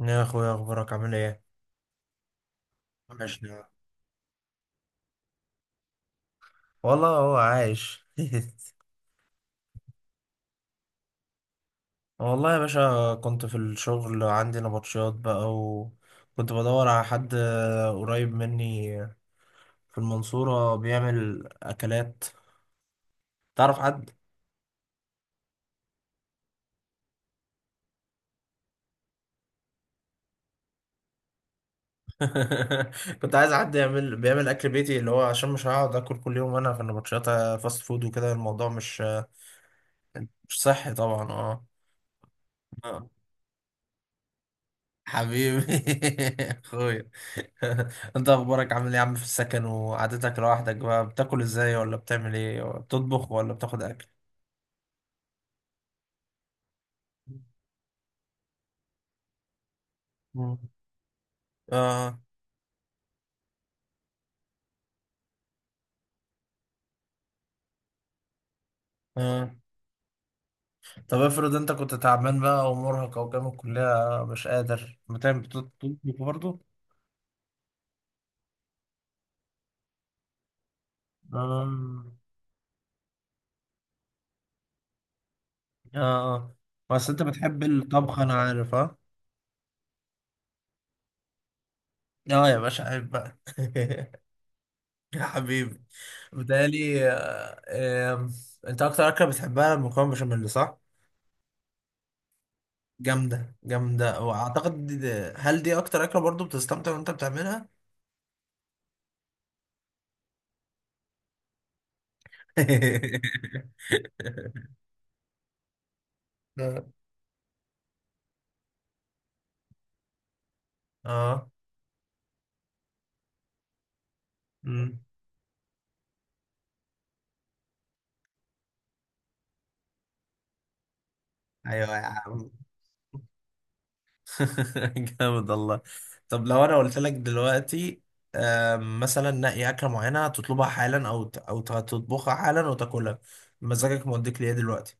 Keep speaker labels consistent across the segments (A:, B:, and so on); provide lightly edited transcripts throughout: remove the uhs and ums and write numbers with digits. A: يا اخويا، اخبارك عامل ايه؟ وحشنا. والله هو عايش. والله يا باشا، كنت في الشغل عندي نبطشيات بقى، وكنت بدور على حد قريب مني في المنصورة بيعمل اكلات. تعرف حد؟ كنت عايز حد يعمل بيعمل اكل بيتي، اللي هو عشان مش هقعد اكل كل يوم انا في النبطشيات فاست فود وكده. الموضوع مش صحي طبعا. اه حبيبي. اخويا. انت اخبارك عامل ايه يا عم؟ في السكن وقعدتك لوحدك بقى، بتاكل ازاي؟ ولا بتعمل ايه؟ ولا بتطبخ ولا بتاخد اكل؟ مم. اه اه. طب افرض انت كنت تعبان بقى ومرهق، او جامد الكلية مش قادر، بتعمل بتطبخ برضه؟ آم، اه اه. بس انت بتحب الطبخ، انا عارف. اه اه يا باشا، عيب بقى. يا حبيبي، بتهيألي آه، آم، انت اكتر اكله بتحبها المكرونه بشاميل، صح؟ جامدة جامدة. وأعتقد دي، هل دي أكتر أكلة برضو بتستمتع وأنت بتعملها؟ آه. آه. أمم. أيوة يا عم. جامد الله. طب لو أنا قلت لك دلوقتي، مثلا نقي أكلة معينة تطلبها حالا، أو تطبخها حالا وتاكلها، مزاجك موديك ليه دلوقتي؟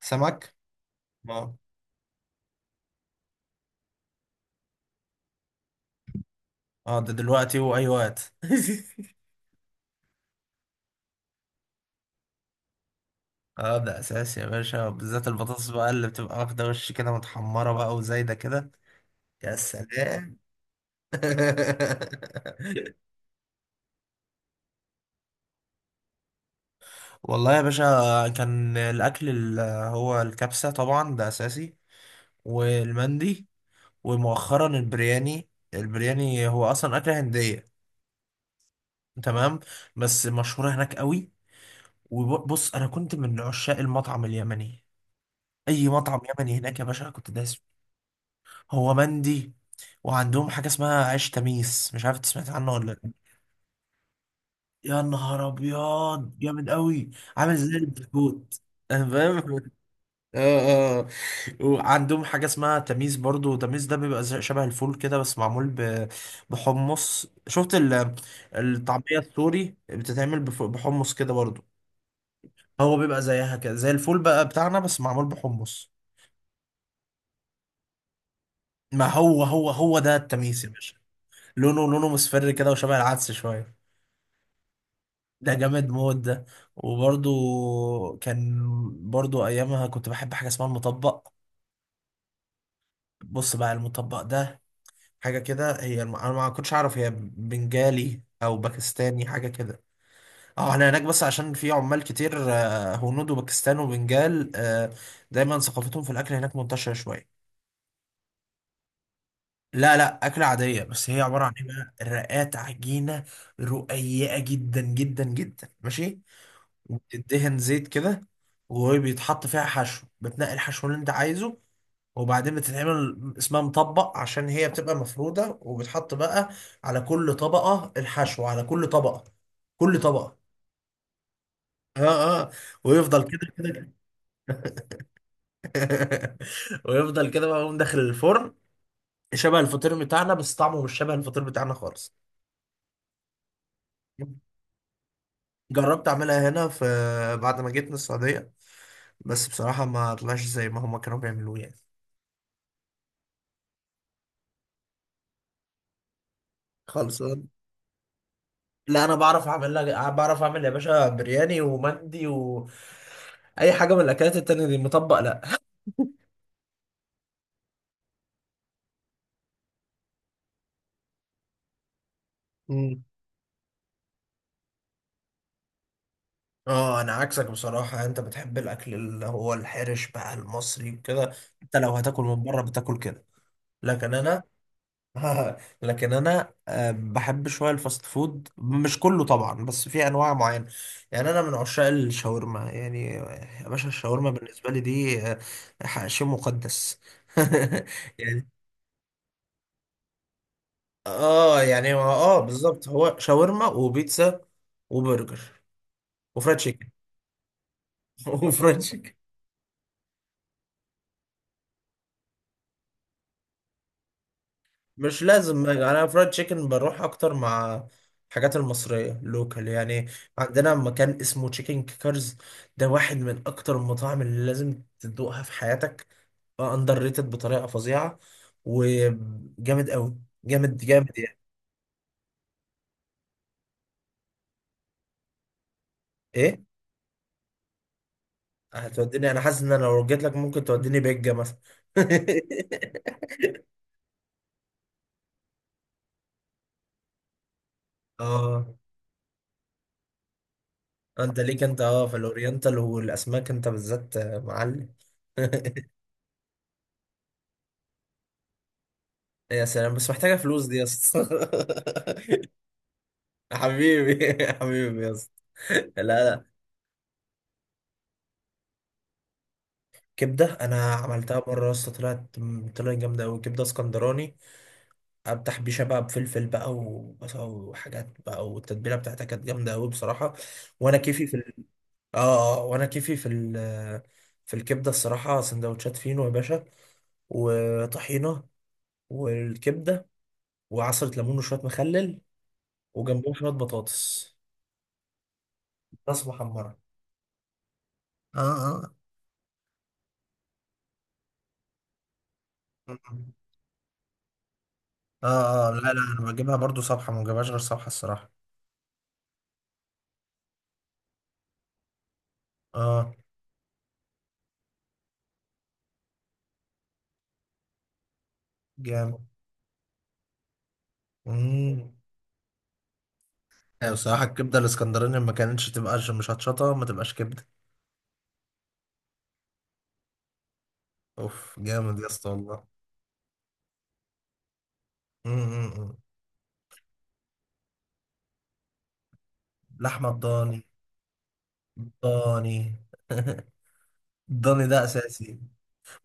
A: سمك. اه اه. ده دلوقتي وأي وقت. اه ده أساسي يا باشا، بالذات البطاطس بقى اللي بتبقى واخدة وش كده، متحمرة بقى وزايدة كده. يا سلام. والله يا باشا، كان الأكل اللي هو الكبسة طبعا، ده أساسي، والمندي، ومؤخرا البرياني. البرياني هو أصلا أكلة هندية. تمام. بس مشهورة هناك قوي. وبص، أنا كنت من عشاق المطعم اليمني. أي مطعم يمني هناك يا باشا كنت دايس فيه. هو مندي. وعندهم حاجة اسمها عيش تميس، مش عارف أنت سمعت عنه ولا لأ. يا نهار ابيض، جامد قوي. عامل زي البسكوت. انا فاهم. اه اه. وعندهم حاجه اسمها تميس برضو. تميس ده بيبقى شبه الفول كده، بس معمول بحمص. الطعميه السوري بتتعمل بحمص كده برضو. هو بيبقى زيها كده، زي الفول بقى بتاعنا، بس معمول بحمص. ما هو هو ده التميس يا باشا. لونه مصفر كده، وشبه العدس شويه. ده جامد موت ده. وبرضو كان برضو ايامها كنت بحب حاجه اسمها المطبق. بص بقى، المطبق ده حاجه كده. انا ما كنتش اعرف هي بنجالي او باكستاني، حاجه كده. اه احنا هناك، بس عشان في عمال كتير، هنود وباكستان وبنجال، دايما ثقافتهم في الاكل هناك منتشره شويه. لا لا، اكله عاديه. بس هي عباره عن ايه بقى؟ رقات عجينه رقيقه جدا جدا جدا، ماشي. وبتدهن زيت كده، وبيتحط فيها حشو. بتنقي الحشو اللي انت عايزه، وبعدين بتتعمل اسمها مطبق عشان هي بتبقى مفرودة. وبتحط بقى على كل طبقة الحشو، على كل طبقة، كل طبقة. اه اه، ويفضل كده كده. ويفضل كده بقى، يقوم داخل الفرن. شبه الفطير بتاعنا، بس طعمه مش شبه الفطير بتاعنا خالص. جربت اعملها هنا في، بعد ما جيت من السعودية. بس بصراحة ما طلعش زي ما هما كانوا بيعملوه يعني. خالص. لا انا بعرف اعمل لها، بعرف اعمل يا باشا برياني ومندي و اي حاجه من الاكلات التانية دي. مطبق لا. مم. اه انا عكسك بصراحه. انت بتحب الاكل اللي هو الحرش بقى، المصري وكده. انت لو هتاكل من بره بتاكل كده. لكن انا. لكن انا بحب شويه الفاست فود، مش كله طبعا، بس في انواع معينه. يعني انا من عشاق الشاورما يعني. يا باشا، الشاورما بالنسبه لي دي شيء مقدس. يعني اه، يعني هو اه بالظبط، هو شاورما وبيتزا وبرجر وفرايد تشيكن. وفرايد تشيكن مش لازم. انا فرايد تشيكن بروح اكتر مع الحاجات المصرية، لوكال يعني. عندنا مكان اسمه تشيكن كيكرز. ده واحد من اكتر المطاعم اللي لازم تدوقها في حياتك. اندر ريتد بطريقة فظيعة، وجامد قوي. جامد جامد يعني. ايه، هتوديني؟ انا حاسس ان انا لو جيت لك ممكن توديني بيجا مثلا. اه. انت ليك، انت اه في الاورينتال والاسماك، انت بالذات معلم. يا سلام، بس محتاجه فلوس دي يا اسطى. حبيبي. حبيبي يا اسطى. لا لا. كبده انا عملتها مره يا اسطى، طلعت طلعت جامده قوي. كبده اسكندراني، افتح بيشه بقى بفلفل بقى وبصل وحاجات بقى، والتتبيله بتاعتها كانت جامده قوي بصراحه. وانا كيفي في ال... اه اه. وانا كيفي في ال... في الكبده الصراحه، سندوتشات فينو يا باشا، وطحينه، والكبده، وعصرة ليمون، وشوية مخلل، وجنبهم شوية بطاطس، بطاطس محمرة. اه اه. م- م. اه اه، لا لا، انا بجيبها برضو صبحة، ما بجيبهاش غير صبحة الصراحة. اه جامد. امم. ايوه الصراحة، الكبدة الاسكندراني ما كانتش تبقى مش هتشطة، ما تبقاش كبدة. اوف جامد يا اسطى، والله. امم. لحمة الضاني. الضاني. الضاني ده اساسي.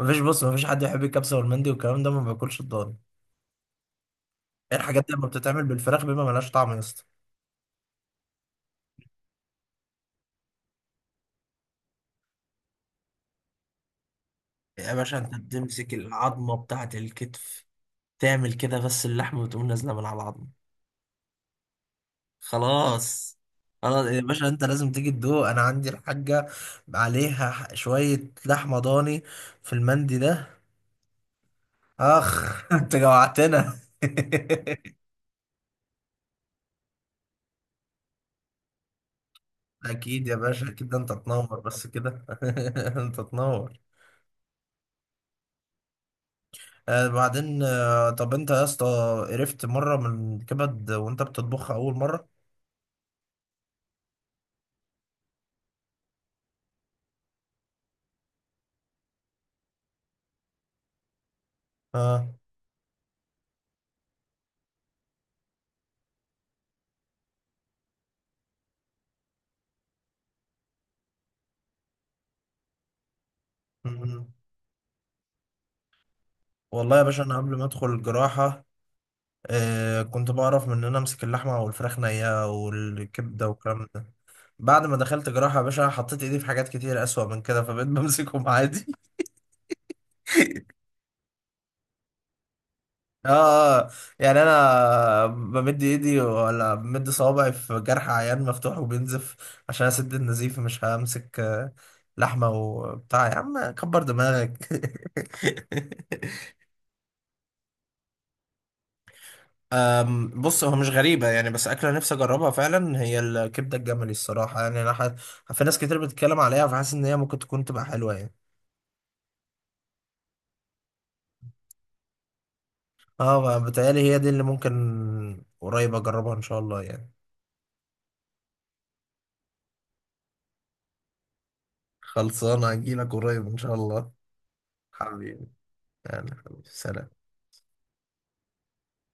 A: مفيش. بص، مفيش حد يحب الكبسة والمندي والكلام ده ما باكلش الضاني. ايه، الحاجات دي لما بتتعمل بالفراخ بيبقى ملهاش طعم يا اسطى. يا باشا، انت بتمسك العظمة بتاعة الكتف، تعمل كده بس، اللحمة بتقوم نازلة من على العظمة. خلاص. خلاص يا باشا، انت لازم تيجي تدوق. انا عندي الحاجة عليها، شوية لحمة ضاني في المندي ده. اخ. انت جوعتنا. اكيد يا باشا، اكيد، ده انت تنور بس كده. انت تنور. آه بعدين، آه طب انت يا اسطى، قرفت مرة من كبد وانت بتطبخها اول مرة؟ اه والله يا باشا، انا قبل ما ادخل الجراحة، آه كنت بعرف من ان انا امسك اللحمة والفراخ نية والكبدة والكلام ده. بعد ما دخلت جراحة يا باشا، حطيت ايدي في حاجات كتير اسوأ من كده، فبقيت بمسكهم عادي. اه. آه، يعني انا بمد ايدي ولا بمد صوابعي في جرح عيان مفتوح وبينزف عشان اسد النزيف، مش همسك لحمة وبتاع. يا عم كبر دماغك. بص، هو مش غريبة يعني، بس أكلة نفسي أجربها فعلا، هي الكبدة الجملي الصراحة. يعني أنا ح... في ناس كتير بتتكلم عليها، فحاسس إن هي ممكن تكون تبقى حلوة يعني. أه بتهيألي هي دي اللي ممكن قريب أجربها إن شاء الله يعني. خلصانة، أجيلك قريب إن شاء الله. حبيبي، يعني حبيبي، سلام.